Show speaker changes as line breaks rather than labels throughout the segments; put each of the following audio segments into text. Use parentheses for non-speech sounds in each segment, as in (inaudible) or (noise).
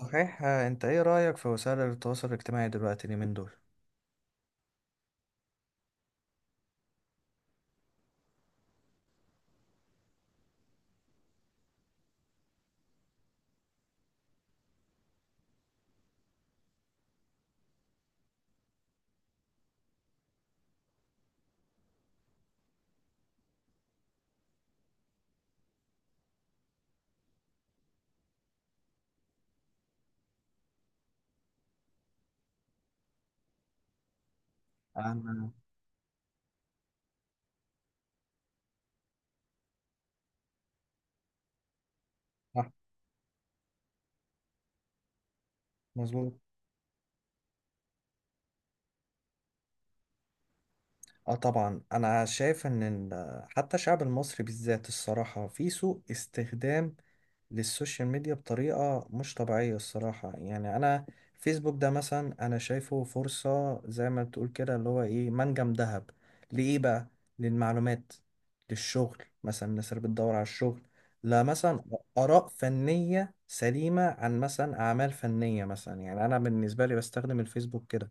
صحيح آه، انت ايه رأيك في وسائل التواصل الاجتماعي دلوقتي اليومين دول؟ انا. صح. مظبوط. اه طبعا انا شايف ان حتى الشعب المصري بالذات الصراحة في سوء استخدام للسوشيال ميديا بطريقة مش طبيعية الصراحة، يعني أنا فيسبوك ده مثلا أنا شايفه فرصة زي ما بتقول كده اللي هو إيه، منجم ذهب. لإيه بقى؟ للمعلومات، للشغل مثلا الناس اللي بتدور على الشغل، لا مثلا آراء فنية سليمة عن مثلا أعمال فنية مثلا. يعني أنا بالنسبة لي بستخدم الفيسبوك كده،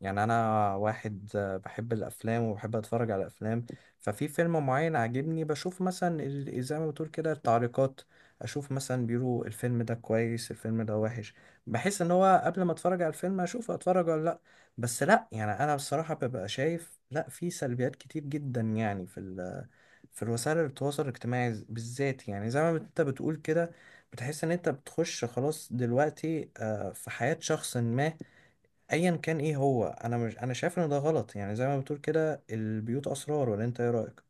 يعني انا واحد بحب الافلام وبحب اتفرج على افلام. ففي فيلم معين عاجبني بشوف مثلا زي ما بتقول كده التعليقات، اشوف مثلا بيقولوا الفيلم ده كويس الفيلم ده وحش. بحس ان هو قبل ما اتفرج على الفيلم اشوف اتفرج ولا لا. بس لا، يعني انا بصراحة ببقى شايف، لا في سلبيات كتير جدا، يعني في الوسائل التواصل الاجتماعي بالذات، يعني زي ما انت بتقول كده بتحس ان انت بتخش خلاص دلوقتي في حياة شخص ما ايا كان. ايه هو، انا مش، انا شايف ان ده غلط، يعني زي ما بتقول كده البيوت اسرار، ولا انت ايه رايك؟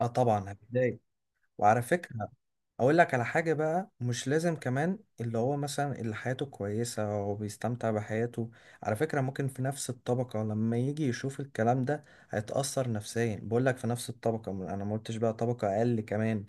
اه طبعا هتضايق. وعلى فكره اقول لك على حاجة بقى، مش لازم كمان اللي هو مثلا اللي حياته كويسة وبيستمتع بحياته، على فكرة ممكن في نفس الطبقة لما يجي يشوف الكلام ده هيتأثر نفسيا. بقول لك في نفس الطبقة انا ما قلتش بقى طبقة اقل كمان.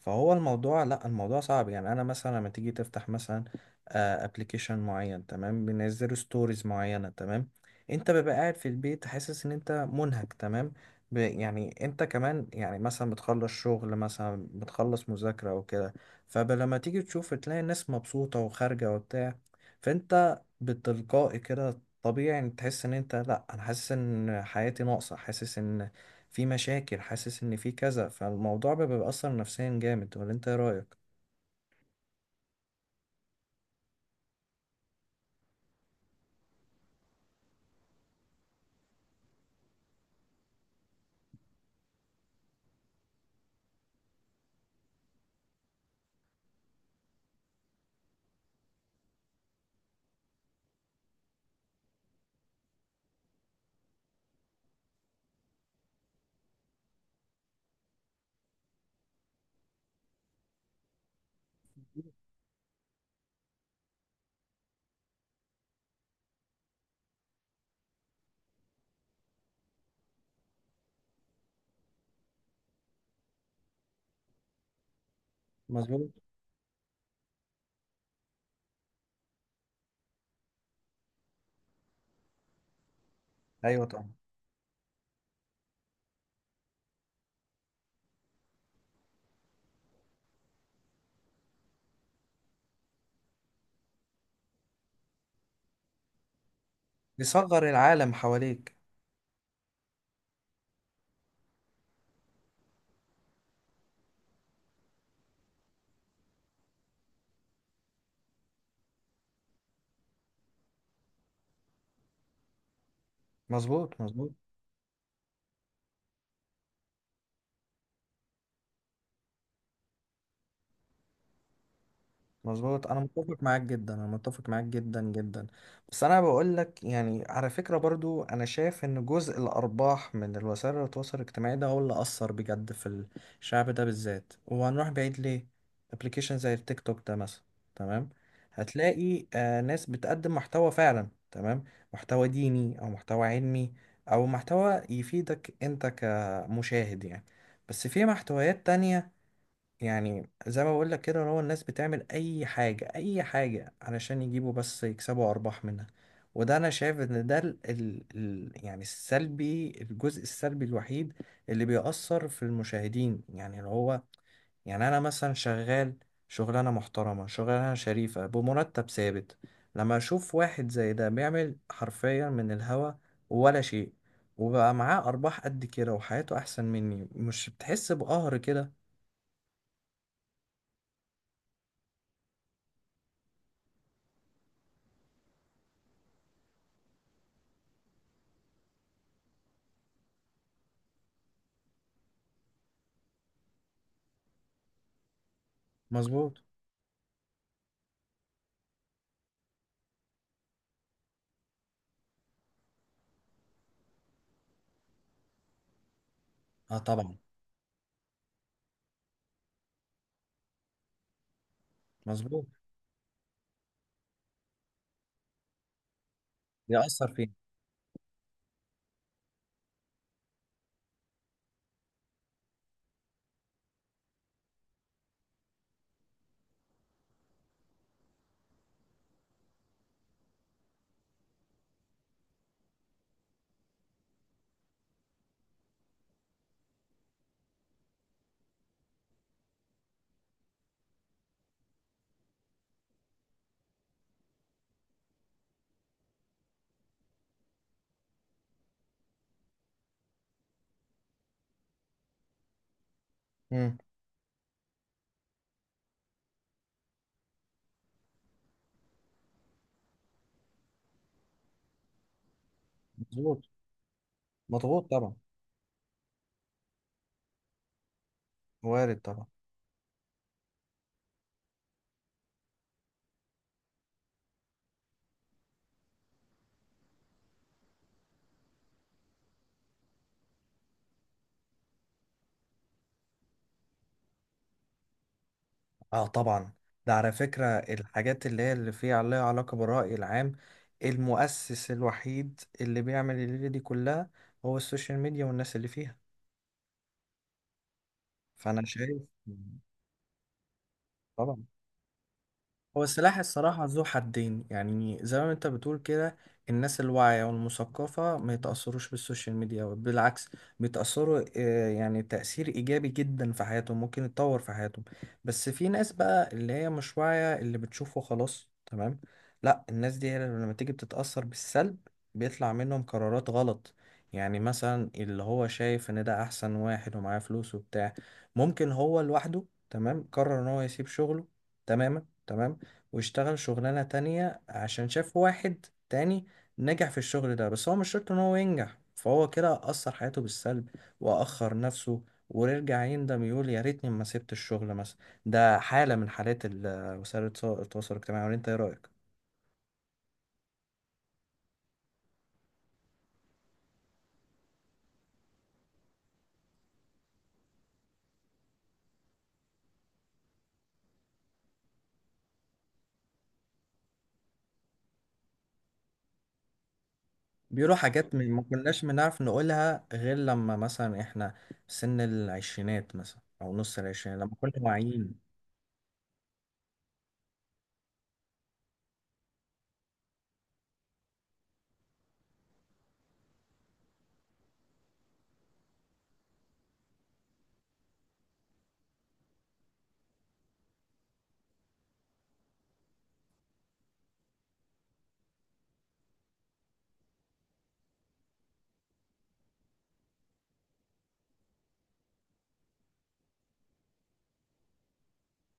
فهو الموضوع، لا الموضوع صعب. يعني انا مثلا لما تيجي تفتح مثلا ابلكيشن معين تمام، بينزلوا ستوريز معينة تمام، انت بيبقى قاعد في البيت حاسس ان انت منهك تمام، يعني انت كمان، يعني مثلا بتخلص شغل مثلا بتخلص مذاكرة او كده. فلما تيجي تشوف تلاقي الناس مبسوطة وخارجة وبتاع، فانت بالتلقائي كده طبيعي ان تحس ان انت، لا انا حاسس ان حياتي ناقصة، حاسس ان في مشاكل، حاسس ان في كذا. فالموضوع بيبقى بيأثر نفسيا جامد، ولا انت ايه رأيك؟ مظبوط. ايوه طبعا. بيصغر العالم حواليك. مظبوط، مظبوط. مظبوط، انا متفق معاك جدا، انا متفق معاك جدا جدا. بس انا بقول لك، يعني على فكرة برضو، انا شايف ان جزء الارباح من الوسائل التواصل الاجتماعي ده هو اللي اثر بجد في الشعب ده بالذات، وهنروح بعيد ليه؟ ابلكيشن زي التيك توك ده مثلا، تمام، هتلاقي آه ناس بتقدم محتوى فعلا تمام، محتوى ديني او محتوى علمي او محتوى يفيدك انت كمشاهد يعني. بس في محتويات تانية، يعني زي ما بقول لك كده، هو الناس بتعمل اي حاجه اي حاجه علشان يجيبوا بس يكسبوا ارباح منها. وده انا شايف ان ده ال ال ال يعني السلبي، الجزء السلبي الوحيد اللي بيأثر في المشاهدين، يعني اللي هو، يعني انا مثلا شغال شغلانه محترمه، شغلانه شريفه بمرتب ثابت، لما اشوف واحد زي ده بيعمل حرفيا من الهوا ولا شيء وبقى معاه ارباح قد كده وحياته احسن مني، مش بتحس بقهر كده؟ مظبوط. اه طبعا. مظبوط. يأثر فيه. مم. مظبوط. مضغوط طبعا. وارد طبعا. اه طبعا. ده على فكرة الحاجات اللي هي اللي فيها عليها علاقة بالرأي العام، المؤسس الوحيد اللي بيعمل الليلة دي كلها هو السوشيال ميديا والناس اللي فيها. فأنا شايف. طبعا. هو السلاح الصراحة ذو حدين، يعني زي ما انت بتقول كده الناس الواعية والمثقفة ما يتأثروش بالسوشيال ميديا، بالعكس بيتأثروا يعني تأثير إيجابي جدا في حياتهم، ممكن يتطور في حياتهم. بس في ناس بقى اللي هي مش واعية اللي بتشوفه خلاص تمام، لا الناس دي لما تيجي بتتأثر بالسلب، بيطلع منهم قرارات غلط. يعني مثلا اللي هو شايف ان ده احسن واحد ومعاه فلوس وبتاع، ممكن هو لوحده تمام قرر ان هو يسيب شغله تماما تمام واشتغل شغلانة تانية عشان شاف واحد تاني نجح في الشغل ده، بس هو مش شرط ان هو ينجح، فهو كده أثر حياته بالسلب وأخر نفسه، ويرجع يندم يقول يا ريتني ما سبت الشغل مثلا. ده حالة من حالات (hesitation) وسائل التواصل الاجتماعي، ولا انت ايه رأيك؟ بيقولوا حاجات ما كناش بنعرف نقولها غير لما مثلا احنا في سن العشرينات مثلا أو نص العشرينات لما كنا واعيين.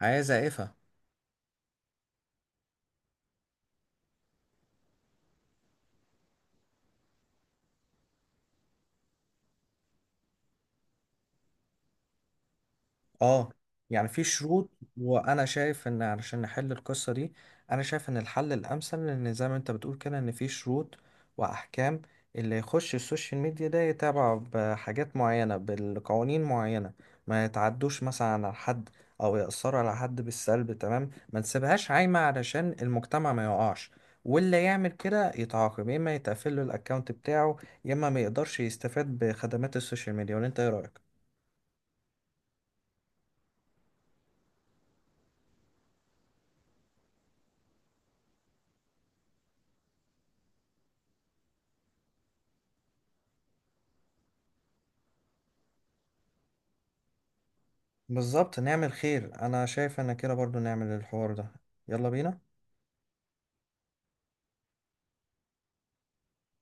حياة زائفة. اه، يعني في شروط. وانا شايف ان علشان نحل القصة دي، انا شايف ان الحل الامثل ان زي ما انت بتقول كده ان في شروط واحكام، اللي يخش السوشيال ميديا ده يتابع بحاجات معينة بالقوانين معينة، ما يتعدوش مثلا على حد او يأثروا على حد بالسلب تمام، ما نسيبهاش عايمة علشان المجتمع ما يقعش. واللي يعمل كده يتعاقب، يا اما يتقفل له الاكونت بتاعه يا اما ما يقدرش يستفاد بخدمات السوشيال ميديا، ولا انت ايه رأيك؟ بالظبط نعمل خير، انا شايف انا كده برضو نعمل الحوار ده. يلا بينا.